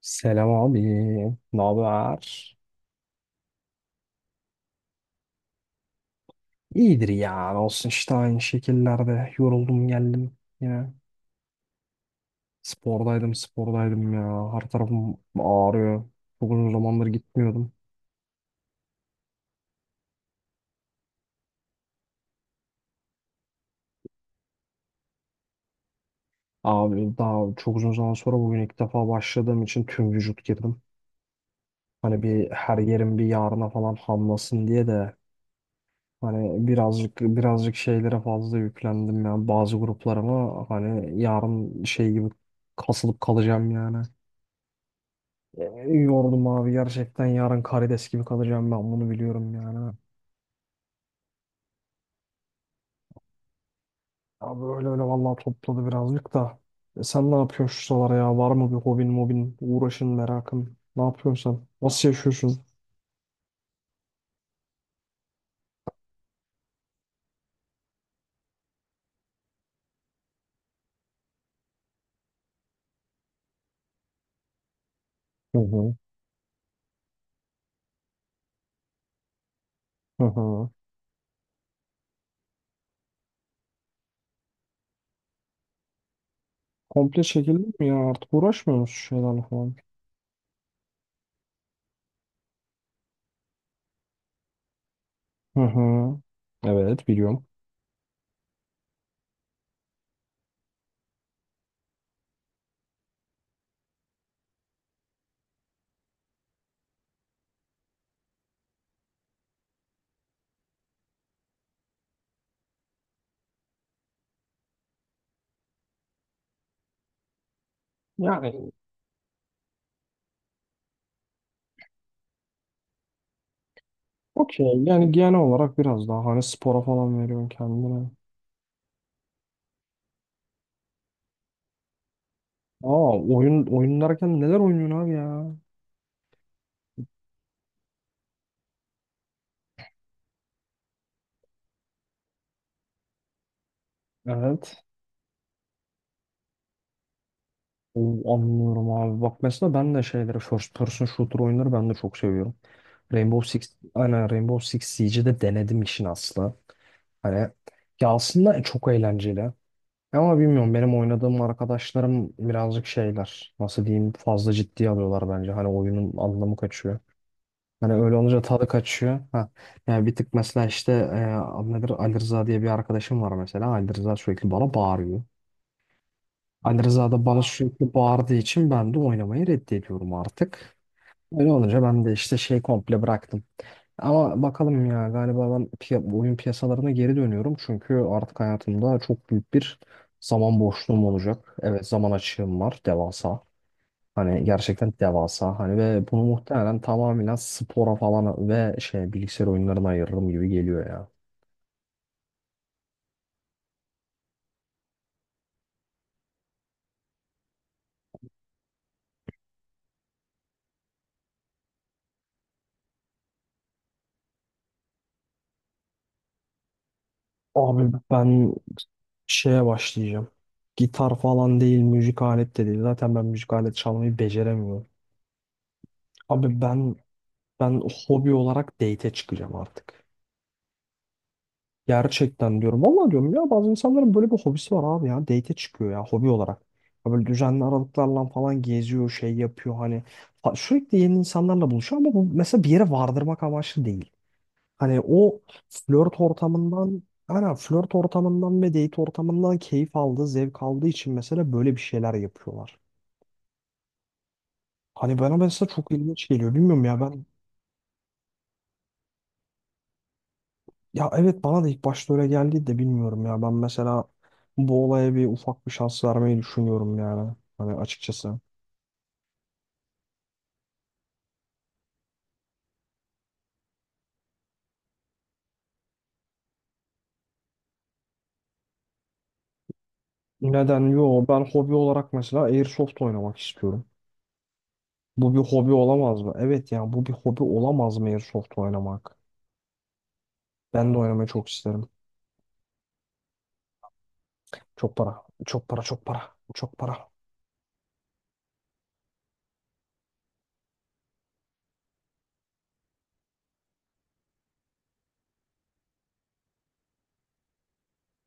Selam abi. Ne haber? İyidir ya. Ne olsun işte aynı şekillerde. Yoruldum geldim yine. Spordaydım spordaydım ya. Her tarafım ağrıyor. Çok uzun zamandır gitmiyordum. Abi daha çok uzun zaman sonra bugün ilk defa başladığım için tüm vücut girdim. Hani bir her yerim bir yarına falan hamlasın diye de hani birazcık birazcık şeylere fazla yüklendim ya. Bazı gruplarıma hani yarın şey gibi kasılıp kalacağım yani. Yordum abi gerçekten yarın karides gibi kalacağım ben bunu biliyorum yani. Abi öyle öyle vallahi topladı birazcık da. Sen ne yapıyorsun şu sıralar ya? Var mı bir hobin mobin uğraşın merakın? Ne yapıyorsun sen? Nasıl yaşıyorsun? Hı hı. Hı hı. Komple çekildin mi ya? Artık uğraşmıyor musun şu şeylerle falan? Hı hı. Evet biliyorum. Yani okey yani genel olarak biraz daha hani spora falan veriyorsun kendine. Aa, oyun oyun derken neler oynuyorsun abi ya? Evet. Oo, anlıyorum abi. Bak mesela ben de şeyleri first person shooter oyunları ben de çok seviyorum. Rainbow Six, aynen Rainbow Six Siege'i de denedim işin aslı. Hani ya aslında çok eğlenceli. Ama bilmiyorum benim oynadığım arkadaşlarım birazcık şeyler. Nasıl diyeyim fazla ciddiye alıyorlar bence. Hani oyunun anlamı kaçıyor. Hani öyle olunca tadı kaçıyor. Ha. Yani bir tık mesela işte adı nedir Ali Rıza diye bir arkadaşım var mesela. Ali Rıza sürekli bana bağırıyor. Ali Rıza da bana sürekli bağırdığı için ben de oynamayı reddediyorum artık. Öyle olunca ben de işte şey komple bıraktım. Ama bakalım ya galiba ben bu oyun piyasalarına geri dönüyorum. Çünkü artık hayatımda çok büyük bir zaman boşluğum olacak. Evet zaman açığım var devasa. Hani gerçekten devasa. Hani ve bunu muhtemelen tamamen spora falan ve şey bilgisayar oyunlarına ayırırım gibi geliyor ya. Abi ben şeye başlayacağım. Gitar falan değil, müzik alet de değil. Zaten ben müzik alet çalmayı beceremiyorum. Abi ben hobi olarak date'e çıkacağım artık. Gerçekten diyorum. Vallahi diyorum ya bazı insanların böyle bir hobisi var abi ya. Date'e çıkıyor ya hobi olarak. Ya böyle düzenli aralıklarla falan geziyor, şey yapıyor hani. Ha, sürekli yeni insanlarla buluşuyor ama bu mesela bir yere vardırmak amaçlı değil. Hani o flört ortamından ve date ortamından keyif aldığı, zevk aldığı için mesela böyle bir şeyler yapıyorlar. Hani bana mesela çok ilginç geliyor. Bilmiyorum ya ben ya evet bana da ilk başta öyle geldi de bilmiyorum ya. Ben mesela bu olaya bir ufak bir şans vermeyi düşünüyorum yani. Hani açıkçası. Neden? Yo ben hobi olarak mesela Airsoft oynamak istiyorum. Bu bir hobi olamaz mı? Evet yani bu bir hobi olamaz mı Airsoft oynamak? Ben de oynamayı çok isterim. Çok para. Çok para, çok para. Çok para.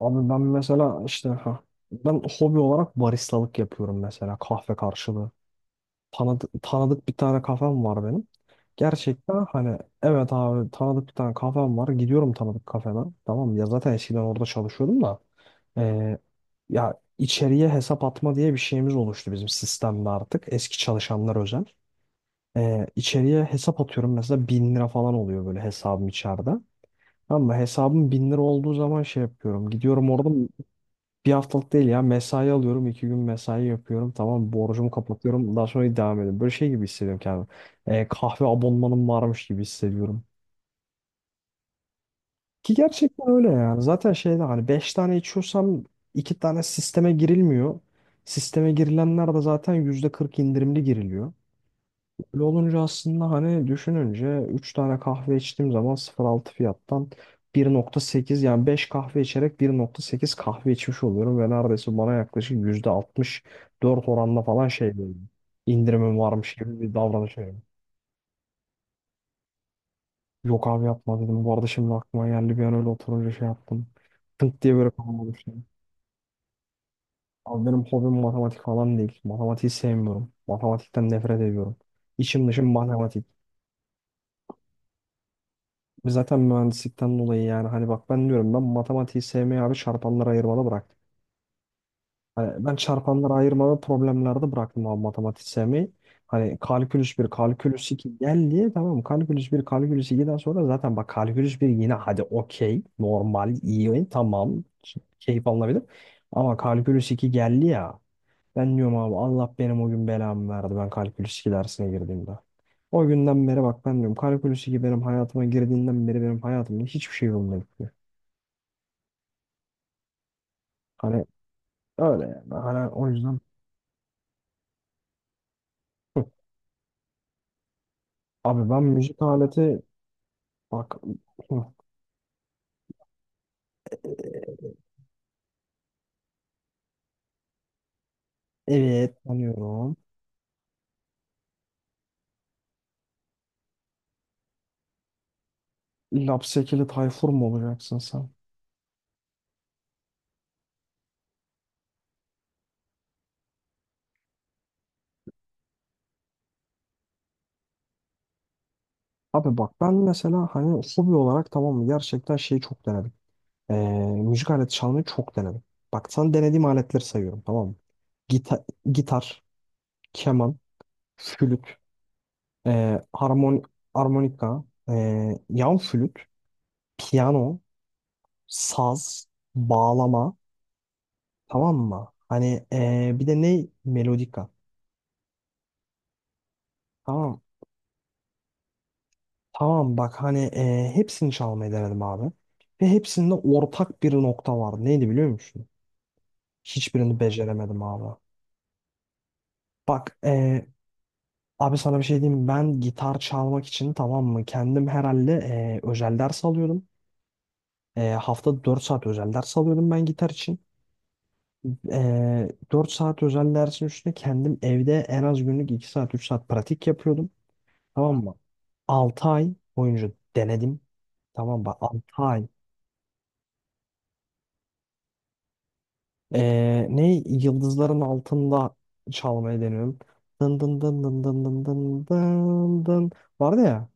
Abi ben mesela işte ha, ben hobi olarak baristalık yapıyorum mesela kahve karşılığı. Tanıdık bir tane kafem var benim. Gerçekten hani evet abi tanıdık bir tane kafem var. Gidiyorum tanıdık kafeme. Tamam mı? Ya zaten eskiden orada çalışıyordum da. Ee, ya içeriye hesap atma diye bir şeyimiz oluştu bizim sistemde artık. Eski çalışanlar özel. İçeriye hesap atıyorum mesela 1.000 lira falan oluyor böyle hesabım içeride. Tamam mı? Hesabım 1.000 lira olduğu zaman şey yapıyorum. Gidiyorum orada bir haftalık değil ya mesai alıyorum. İki gün mesai yapıyorum. Tamam mı? Borcumu kapatıyorum. Daha sonra devam ediyorum. Böyle şey gibi hissediyorum kendimi. Kahve abonmanım varmış gibi hissediyorum. Ki gerçekten öyle yani. Zaten şeyde hani 5 tane içiyorsam 2 tane sisteme girilmiyor. Sisteme girilenler de zaten %40 indirimli giriliyor. Öyle olunca aslında hani düşününce 3 tane kahve içtiğim zaman 0,6 fiyattan 1,8 yani 5 kahve içerek 1,8 kahve içmiş oluyorum ve neredeyse bana yaklaşık %64 oranla falan şey böyle indirimim varmış gibi bir davranış veriyor. Yok abi yapma dedim. Bu arada şimdi aklıma geldi bir an öyle oturunca şey yaptım. Tınk diye böyle kafama düştü. Abi benim hobim matematik falan değil. Matematiği sevmiyorum. Matematikten nefret ediyorum. İçim dışım matematik. Biz zaten mühendislikten dolayı yani hani bak ben diyorum ben matematiği sevmeyi abi çarpanlara ayırmalı bıraktım. Hani ben çarpanlara ayırma ve problemlerde bıraktım abi matematiği sevmeyi. Hani kalkülüs bir kalkülüs 2 geldi tamam mı? Kalkülüs bir kalkülüs iki'den sonra zaten bak kalkülüs bir yine hadi okey normal iyi tamam keyif alınabilir. Ama kalkülüs 2 geldi ya ben diyorum abi Allah benim o gün belamı verdi ben kalkülüs 2 dersine girdiğimde. O günden beri bak ben diyorum kara kulesi gibi benim hayatıma girdiğinden beri benim hayatımda hiçbir şey yolunda gitmiyor. Hani öyle yani. Hani o yüzden. Hı. Abi ben müzik aleti bak, hı, evet tanıyorum. Lapsekili Tayfur mu olacaksın sen? Abi bak ben mesela hani hobi olarak tamam mı gerçekten şeyi çok denedim. Ee, müzik aleti çalmayı çok denedim. Bak sana denediğim aletleri sayıyorum tamam mı? Gita gitar, keman, flüt, ee, harmon harmonika, yan flüt. Piyano, saz, bağlama tamam mı? Hani bir de ne? Melodika. Tamam. Tamam bak hani hepsini çalmayı denedim abi. Ve hepsinde ortak bir nokta vardı. Neydi biliyor musun? Hiçbirini beceremedim abi. Bak abi sana bir şey diyeyim. Mi? Ben gitar çalmak için tamam mı? Kendim herhalde özel ders alıyordum. Haftada 4 saat özel ders alıyordum ben gitar için. 4 saat özel dersin üstüne kendim evde en az günlük 2 saat 3 saat pratik yapıyordum. Tamam mı? 6 ay boyunca denedim. Tamam mı? 6 ay. Ne? Yıldızların altında çalmayı deniyorum. Dın dın dın dın dın dın dın dın dın. Vardı ya.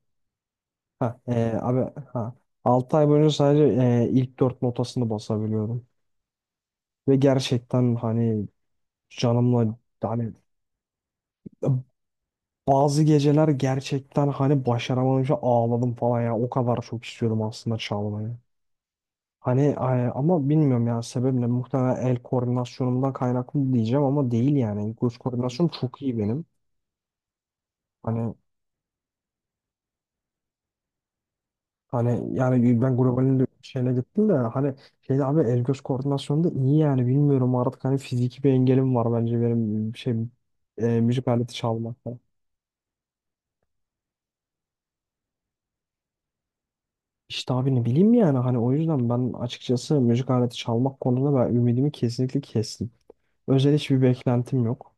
Ha, abi ha. 6 ay boyunca sadece ilk 4 notasını basabiliyordum. Ve gerçekten hani canımla hani bazı geceler gerçekten hani başaramayınca ağladım falan ya. O kadar çok istiyordum aslında çalmayı. Hani ama bilmiyorum ya sebep ne? Muhtemelen el koordinasyonumdan kaynaklı diyeceğim ama değil yani. Göz koordinasyonum çok iyi benim. Hani hani yani ben globalin de şeyine gittim de hani şeyde abi el göz koordinasyonu da iyi yani bilmiyorum artık hani fiziki bir engelim var bence benim şey müzik aleti çalmakta. İşte abi ne bileyim yani hani o yüzden ben açıkçası müzik aleti çalmak konusunda ben ümidimi kesinlikle kestim. Özel hiçbir beklentim yok.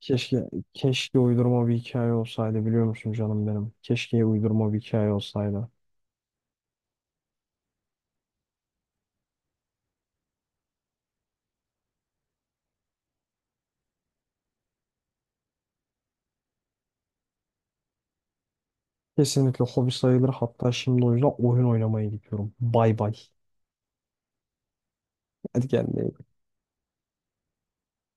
Keşke uydurma bir hikaye olsaydı biliyor musun canım benim? Keşke uydurma bir hikaye olsaydı. Kesinlikle hobi sayılır hatta şimdi o yüzden oyun oynamaya gidiyorum. Bay bay. Hadi kendine iyi bak.